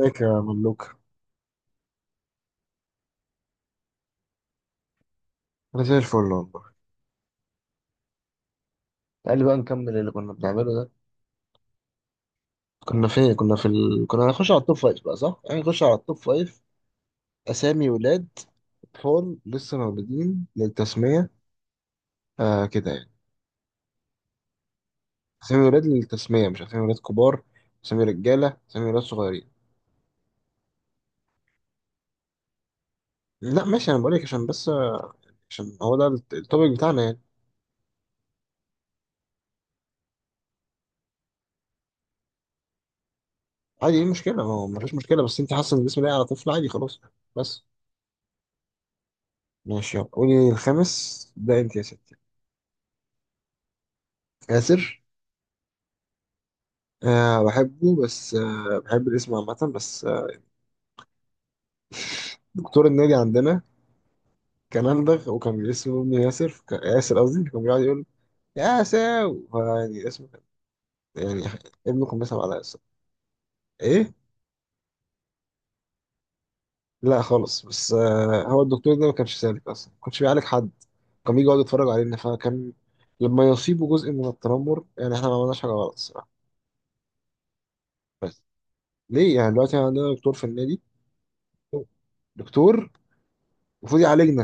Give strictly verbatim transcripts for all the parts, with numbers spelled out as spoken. ازيك يا ملوك؟ انا زي الفل والله. تعال بقى نكمل اللي كنا بنعمله ده. كنا فين؟ كنا في ال... كنا هنخش على التوب فايف بقى، صح؟ يعني نخش على التوب فايف. اسامي ولاد، اطفال لسه مولودين للتسميه. آه، كده يعني. اسامي ولاد للتسميه، مش اسامي ولاد كبار. اسامي رجاله، اسامي ولاد صغيرين. لا ماشي، انا بقول لك عشان بس. عشان هو ده الت- التوبيك بتاعنا يعني. عادي، ايه المشكله؟ ما هو مفيش مشكله، بس انت حاسه ان الاسم لايق على طفل. عادي، خلاص. بس. ماشي، يلا قولي الخامس ده انت يا ستي. ياسر. أه، بحبه، بس أه بحب الاسم عامة، بس أه. دكتور النادي عندنا كان أندغ، وكان اسمه ابن ياسر، كان ياسر قصدي. كان بيقعد يقول يا ساو، يعني اسمه كان- يعني ابنه كان بيسمع على ياسر. إيه؟ لا خالص، بس أه هو الدكتور ده ما كانش سالك أصلا، ما كانش بيعالج حد. كان بيجي يقعد يتفرج علينا، فكان لما يصيبه جزء من التنمر، يعني إحنا ما عملناش حاجة غلط الصراحة. بس ليه؟ يعني دلوقتي عندنا دكتور في النادي. دكتور المفروض يعالجنا،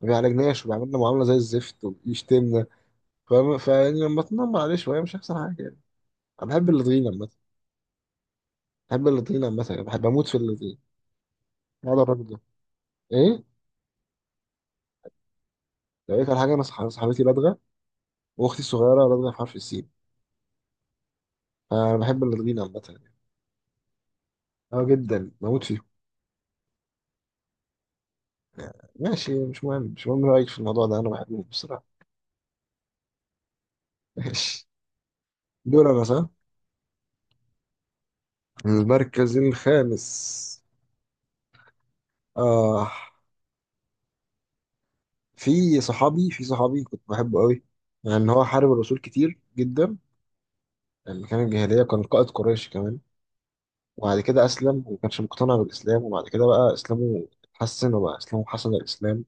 ما بيعالجناش وبيعملنا معاملة زي الزفت وبيشتمنا. فاهم؟ فيعني لما تنمر عليه شويه مش هيحصل حاجه يعني. انا بحب اللدغين عامه. بحب اللدغين عامه، يعني بحب اموت في اللدغين. هذا الراجل ده. ايه؟ لو قلت على حاجه، انا صح- صاحبتي لدغه، واختي الصغيره لدغه في حرف السين. فانا بحب اللدغين عامه يعني. اه، جدا، بموت فيهم. ماشي، مش مهم، مش مهم رايك في الموضوع ده. انا بحبهم بصراحه. ماشي. دول انا، صح. المركز الخامس. آه. في صحابي في صحابي كنت بحبه قوي. لأن يعني هو حارب الرسول كتير جدا. يعني كان الجاهلية، كان قائد قريش كمان. وبعد كده أسلم، وما كانش مقتنع بالإسلام، وبعد كده بقى إسلامه اتحسن، وبقى إسلامه حسن الإسلام.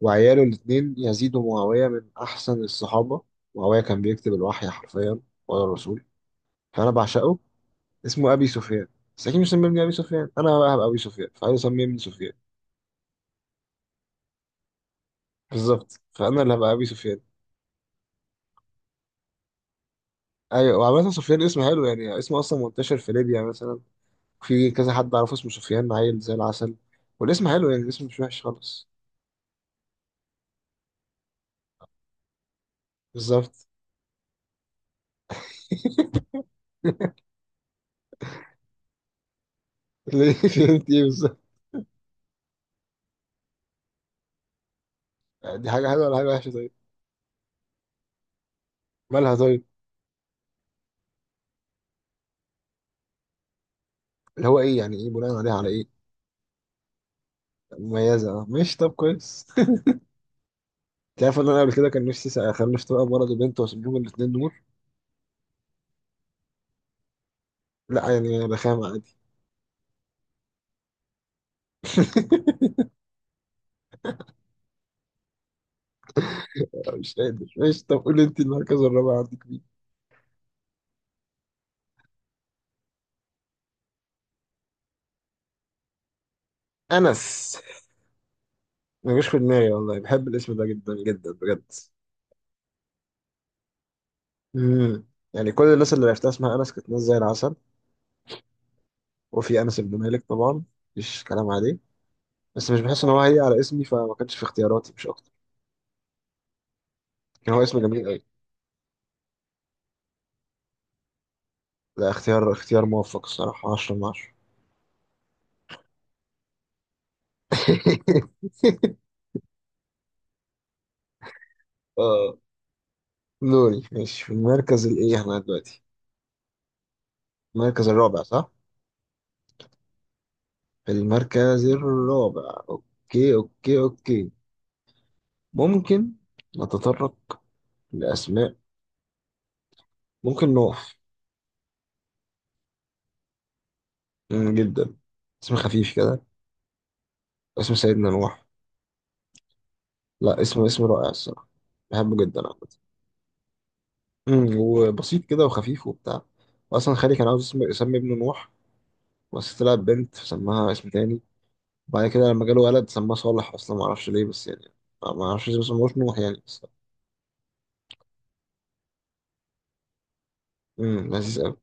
وعياله الاتنين يزيد ومعاوية من أحسن الصحابة. معاوية كان بيكتب الوحي حرفيا ولا الرسول. فأنا بعشقه. اسمه أبي سفيان. بس أكيد مش سممني أبي سفيان أنا بقى، هبقى أبي سفيان فعايز يسميني سفيان. بالظبط، فأنا اللي هبقى أبي سفيان. أيوة، وعامة سفيان اسم حلو، يعني اسمه أصلا منتشر في ليبيا مثلا. في كذا حد أعرفه اسمه سفيان، عيل زي العسل. والاسم حلو، يعني الاسم مش وحش خالص. بالظبط. ليه؟ فهمت ايه بالظبط؟ يعني دي حاجه حلوه ولا حاجه وحشه؟ طيب. مالها طيب؟ اللي هو ايه يعني؟ ايه بناء عليها؟ على ايه؟ مميزه، اه، مش طب كويس. انت عارف ان انا قبل كده كان نفسي اخلف طبقه ولد وبنت واسيب لهم الاثنين دول. لا يعني انا بخام عادي. مش قادر. مش طب قول انت، المركز الرابع عندك مين؟ انس. ما جاش في دماغي والله، بحب الاسم ده جدا جدا بجد. امم. يعني كل الناس اللي عرفتها اسمها انس كانت ناس زي العسل. وفي انس بن مالك طبعا، مفيش كلام عليه. بس مش بحس ان هو هي على اسمي، فما كانش في اختياراتي مش اكتر. هو اسم جميل أوي. لا، اختيار اختيار موفق الصراحة، عشرة من عشرة. اه. دوري، ماشي، في المركز الايه احنا دلوقتي؟ المركز الرابع صح؟ في المركز الرابع، اوكي، اوكي، اوكي. ممكن نتطرق لأسماء. ممكن نوح. مم، جدا. اسم خفيف كده. اسم سيدنا نوح. لا، اسم اسم رائع الصراحة. بحبه جدا عامة. مم، وبسيط كده وخفيف وبتاع. وأصلا خالي كان عاوز اسم- يسمي ابنه نوح. بس طلعت بنت فسماها اسم تاني. بعد كده لما جاله ولد سماه صالح، اصلا ما اعرفش ليه بس يعني. ما اعرفش ليه بس ما اسموش نوح يعني، بس. امم لذيذ قوي.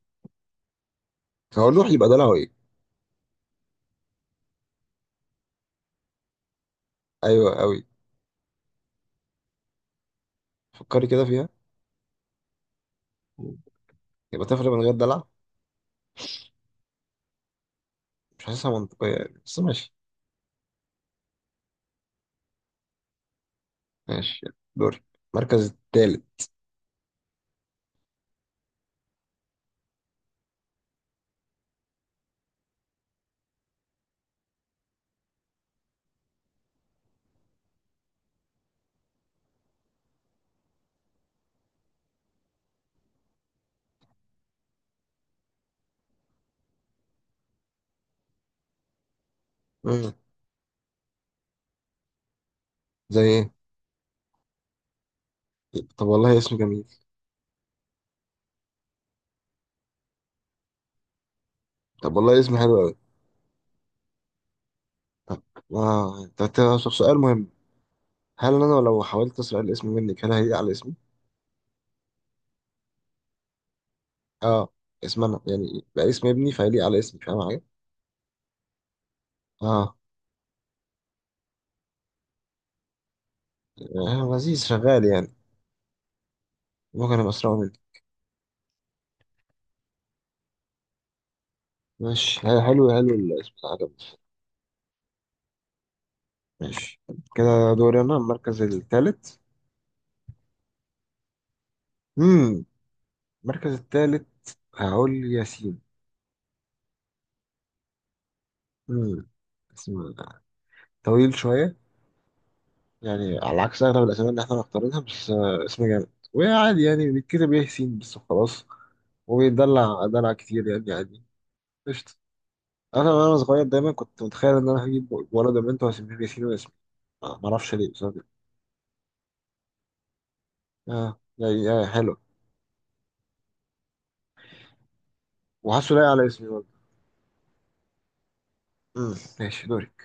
هو نوح يبقى دلع ايه؟ ايوه قوي. فكري كده فيها. مم. يبقى تفرق من غير دلع. مش حاسسها منطقيه يعني بس ماشي ماشي، دوري، المركز التالت. مم. زي ايه؟ طب والله اسم جميل. طب والله اسم حلو قوي. طب. اه، طب طب- طب سؤال مهم. هل انا لو حاولت اسرق الاسم منك هل هيليق على اسمي؟ اه، اسم انا يعني بقى اسم ابني فهيليق على اسمي، فاهم حاجه؟ اه، آه، لذيذ، شغال يعني. بكرة الأسرع منك. ماشي، حلو. حلو الاسم ده عجبني. ماشي كده. دوري أنا، المركز الثالث. امم. المركز الثالث. هقول ياسين. امم. اسم طويل شوية. يعني على عكس أغلب الأسامي اللي إحنا مختارينها، بس آه، اسم جامد وعادي. يعني بيتكتب إيه؟ ياسين، بس وخلاص. وبيدلع دلع كتير يعني، عادي. قشطة. أنا، وأنا صغير دايما كنت متخيل إن أنا هجيب ولد وبنت وهسميهم ياسين وياسمين. آه، معرفش ليه بس أنا كده. آه، يعني آه، حلو. وحاسه لايق على اسمي. امم، ماشي. دورك.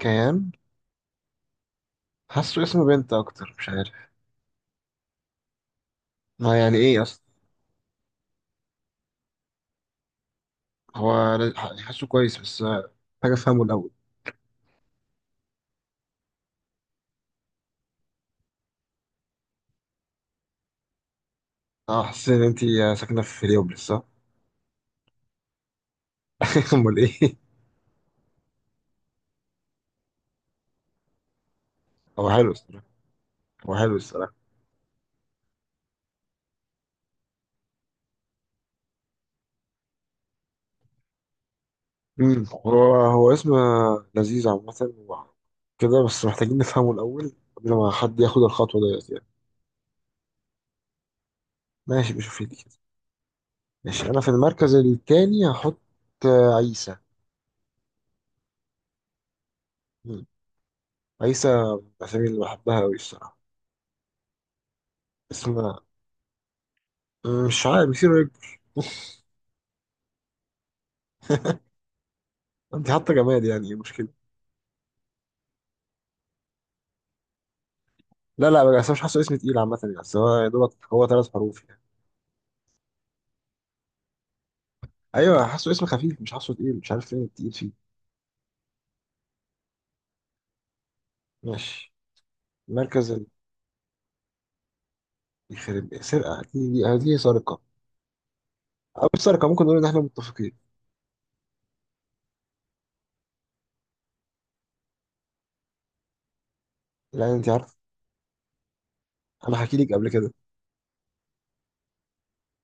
كيان. حاسه اسم بنت اكتر، مش عارف. ما يعني ايه اصلا؟ هو ل- ح- حاسه كويس، بس آه، محتاج افهمه الاول. اه، حاسس ان انت ساكنه في هليوبلس صح. امال ايه؟ هو حلو الصراحه. هو حلو الصراحه. امم هو هو اسم آه، لذيذ عامه، و- كده، بس محتاجين نفهمه الاول قبل ما حد ياخد الخطوه ديت يعني. ماشي، بشوف لي كده. ماشي، انا في المركز التاني هحط آه، عيسى. مم. عيسى من الأسامي اللي بحبها أوي الصراحة. اسم، أه، مش عارف، بيصير رجل. انت حتى جماد، يعني ايه المشكلة؟ لا لا، بس أنا مش حاسه اسم تقيل عامة يعني، بس هو يا دوبك هو ثلاث حروف يعني. ايوه، حاسه اسم خفيف، مش حاسه تقيل، مش عارف فين التقيل فيه. ماشي. مركز ال-. يخرب سرقة، دي دي دي سرقة. أو مش سرقة، ممكن نقول إن إحنا متفقين. لأن أنت عارف، أنا حكي لك قبل كده.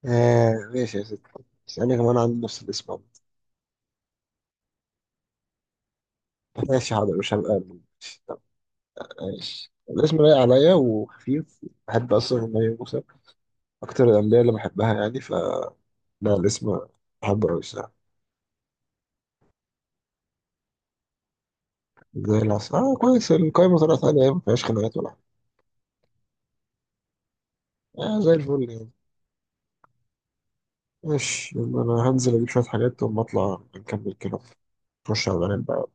آه، ماشي يا ست. اسألني كمان، عندي نفس الاسم عامة. ماشي حاضر، مش هبقى. طب، ماشي، الاسم لايق عليا وخفيف، بحب أصلا إن هي موسى. أكتر الأنبياء اللي بحبها يعني، ف لا، الاسم حبة أوي الصراحة. زي العسل. آه، كويس، القايمة طلعت عادي يعني، مفيهاش خناقات ولا حاجة. آه زي الفل يعني. ماشي، يبقى أنا هنزل أجيب شوية حاجات، وأما أطلع نكمل كده. نخش على الغنم بقى.